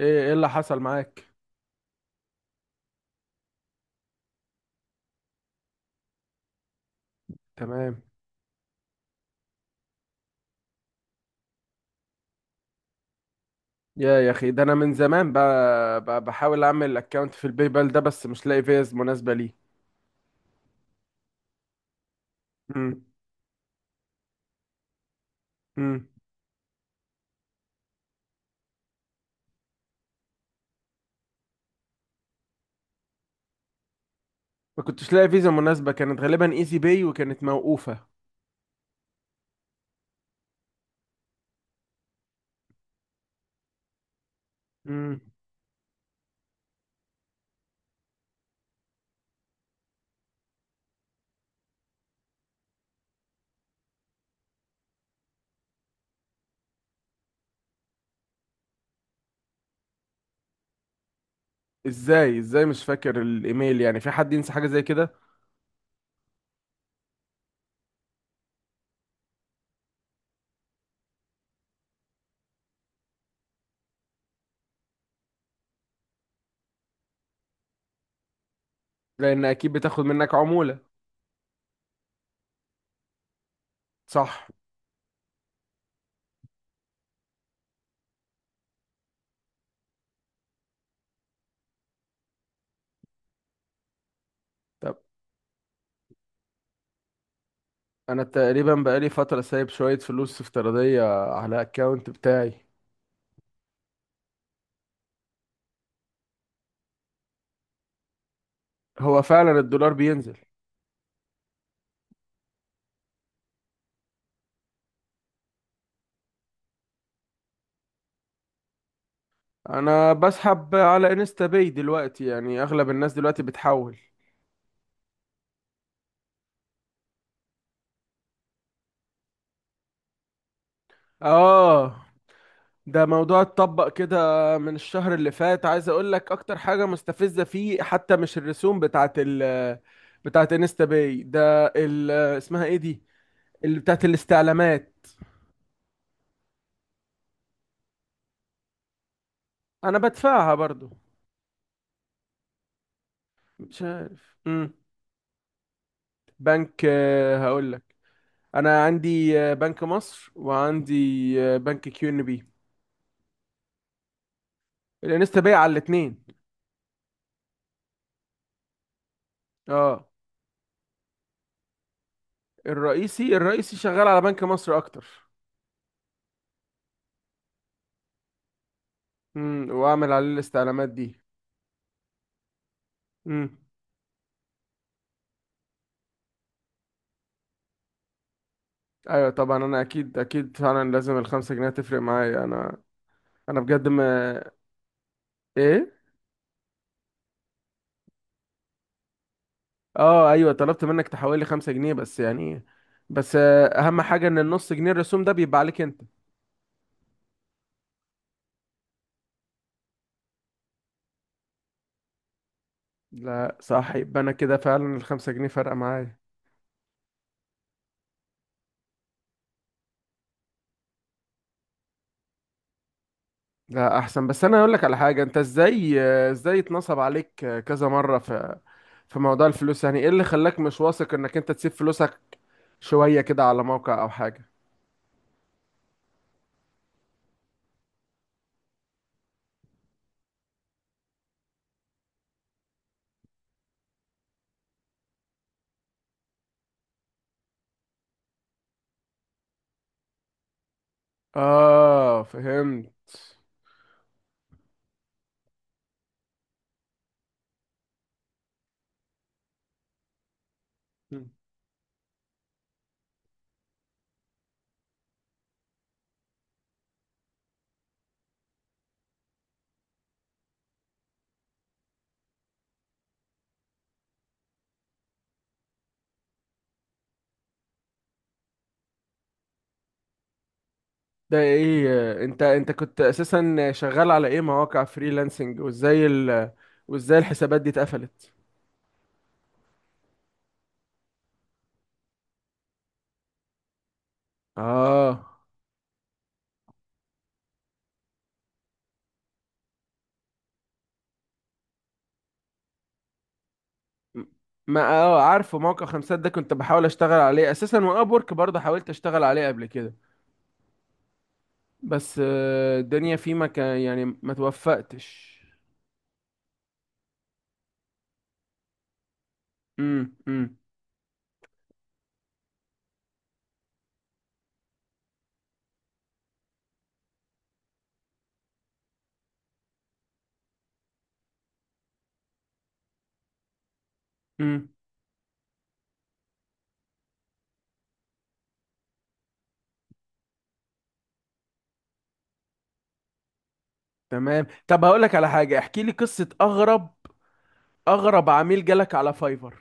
ايه اللي حصل معاك. تمام. يا اخي، ده انا من زمان بقى بحاول اعمل اكونت في الباي بال ده، بس مش لاقي فيز مناسبه ليه. امم امم ما كنتش لاقي فيزا مناسبه، كانت غالبا ايزي باي وكانت موقوفه. امم. ازاي مش فاكر الايميل؟ يعني في حد ينسى حاجه زي كده؟ لان اكيد بتاخد منك عموله. صح. طب انا تقريبا بقالي فتره سايب شويه فلوس افتراضيه على الاكونت بتاعي. هو فعلا الدولار بينزل. انا بسحب على انستا باي دلوقتي، يعني اغلب الناس دلوقتي بتحول. اه. ده موضوع اتطبق كده من الشهر اللي فات، عايز اقول لك اكتر حاجة مستفزة فيه حتى مش الرسوم بتاعت انستا باي ده، ال اسمها ايه دي اللي بتاعت الاستعلامات. انا بدفعها برضو. مش عارف. بنك، هقول لك. انا عندي بنك مصر، وعندي بنك كيو ان بي. الانستا باي على الاتنين. اه. الرئيسي شغال على بنك مصر اكتر. واعمل عليه الاستعلامات دي. امم ايوه طبعا، انا اكيد اكيد فعلا لازم الخمسة جنيه تفرق معايا. انا، انا بجد ما. ايه؟ اه ايوه طلبت منك تحول لي 5 جنيه، بس يعني بس اهم حاجة ان النص جنيه الرسوم ده بيبقى عليك انت. لا، صح، يبقى انا كده فعلا الخمسة جنيه فارقة معايا. لا احسن. بس انا اقول لك على حاجة، انت ازاي اتنصب عليك كذا مرة؟ في موضوع الفلوس، يعني ايه اللي خلاك مش واثق انك انت تسيب فلوسك شوية كده على موقع أو حاجة؟ آه، فهمت. ده إيه، أنت كنت أساسا شغال على إيه؟ مواقع فريلانسنج؟ وإزاي الحسابات دي اتقفلت؟ آه م- ما عارفه موقع خمسات ده، كنت بحاول أشتغل عليه أساسا، وأبورك برضه حاولت أشتغل عليه قبل كده، بس الدنيا فيه ما كان يعني ما توفقتش. امم، امم، امم. تمام. طب هقول لك على حاجة، احكي لي قصة أغرب عميل جالك على فايفر.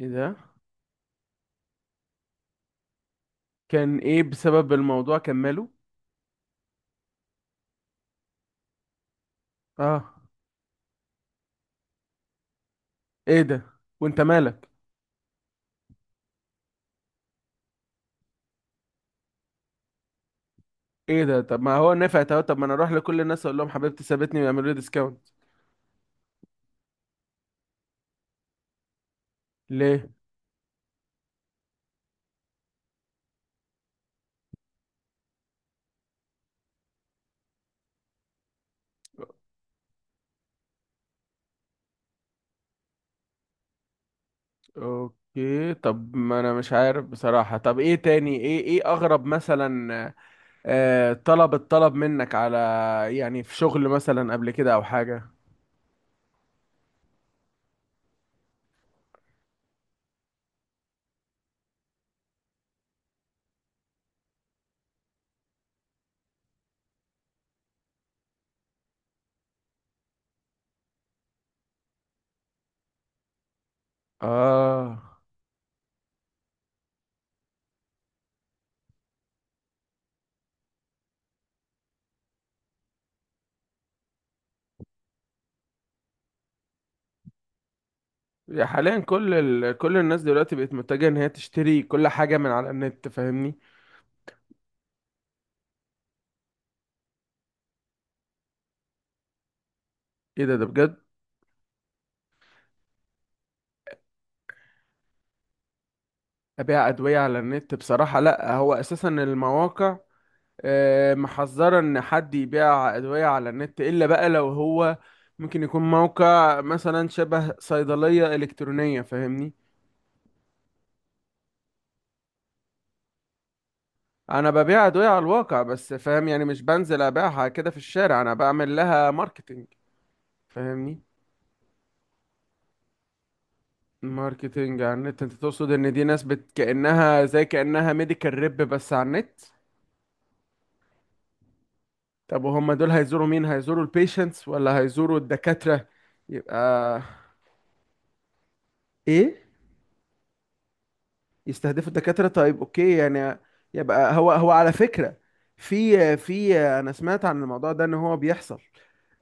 ايه ده؟ كان ايه بسبب الموضوع، كمله. اه. ايه ده؟ وانت مالك؟ ايه ده؟ طب ما هو نفعت اهو، طب ما انا اروح لكل الناس اقول لهم حبيبتي سابتني ويعملوا لي ديسكاونت. ليه؟ اوكي. طب ما انا مش عارف بصراحة، طب ايه تاني؟ ايه اغرب مثلا، الطلب منك على، يعني في شغل مثلا قبل كده او حاجة؟ اه. يا حاليا كل الناس دلوقتي بقت متجهة ان هي تشتري كل حاجة من على النت، فاهمني؟ ايه ده، ده بجد؟ ابيع ادويه على النت؟ بصراحه لا، هو اساسا المواقع محذره ان حد يبيع ادويه على النت، الا بقى لو هو ممكن يكون موقع مثلا شبه صيدليه الكترونيه، فاهمني؟ انا ببيع ادويه على الواقع بس، فاهم، يعني مش بنزل ابيعها كده في الشارع، انا بعمل لها ماركتينج، فاهمني؟ ماركتينج على النت؟ انت تقصد ان دي ناس كانها ميديكال ريب بس على النت؟ طب وهم دول هيزوروا مين؟ هيزوروا البيشنتس ولا هيزوروا الدكاترة يبقى؟ ايه؟ يستهدفوا الدكاترة؟ طيب، اوكي، يعني يبقى هو على فكرة في انا سمعت عن الموضوع ده ان هو بيحصل،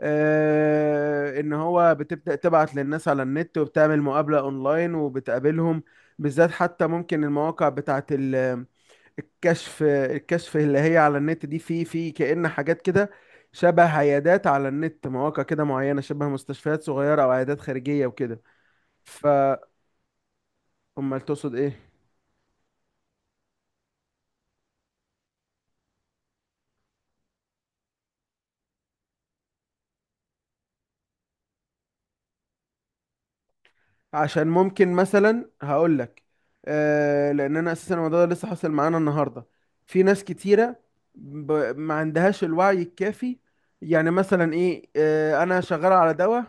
ان هو بتبدأ تبعت للناس على النت وبتعمل مقابلة اونلاين وبتقابلهم، بالذات حتى ممكن المواقع بتاعت ال الكشف الكشف اللي هي على النت دي، في كأن حاجات كده شبه عيادات على النت، مواقع كده معينة شبه مستشفيات صغيرة أو عيادات خارجية وكده. ف أمال تقصد إيه؟ عشان ممكن مثلا، هقول لك. آه، لأن أنا أساسا الموضوع ده لسه حاصل معانا النهاردة. في ناس كتيرة ما عندهاش الوعي الكافي. يعني مثلا إيه، أنا شغال على دواء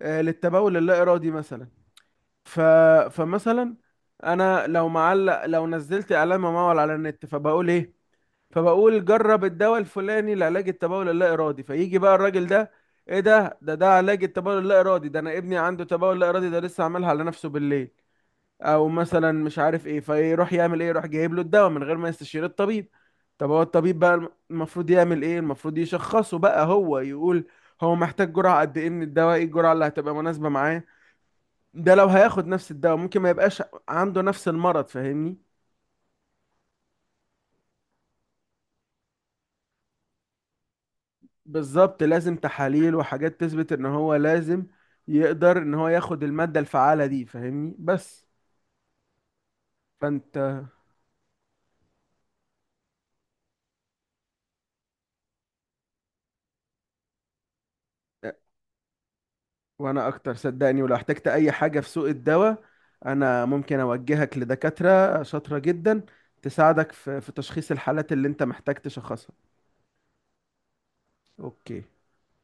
للتبول اللا إرادي مثلا. ف... فمثلا انا لو نزلت اعلان ممول على النت، فبقول ايه؟ فبقول جرب الدواء الفلاني لعلاج التبول اللا ارادي، فيجي بقى الراجل ده، ايه ده علاج التبول اللا ارادي ده، انا ابني عنده تبول لا ارادي ده، لسه عاملها على نفسه بالليل، او مثلا مش عارف ايه، فيروح يعمل ايه؟ يروح جايب له الدواء من غير ما يستشير الطبيب. طب هو الطبيب بقى المفروض يعمل ايه؟ المفروض يشخصه بقى، هو يقول هو محتاج جرعة قد ايه من الدواء، ايه الجرعة اللي هتبقى مناسبة معاه، ده لو هياخد نفس الدواء ممكن ما يبقاش عنده نفس المرض، فاهمني؟ بالظبط، لازم تحاليل وحاجات تثبت ان هو لازم يقدر ان هو ياخد المادة الفعالة دي، فاهمني؟ بس فانت. وانا اكتر، صدقني، ولو احتجت اي حاجة في سوق الدواء انا ممكن اوجهك لدكاترة شاطرة جدا تساعدك في تشخيص الحالات اللي انت محتاج تشخصها. اوكي.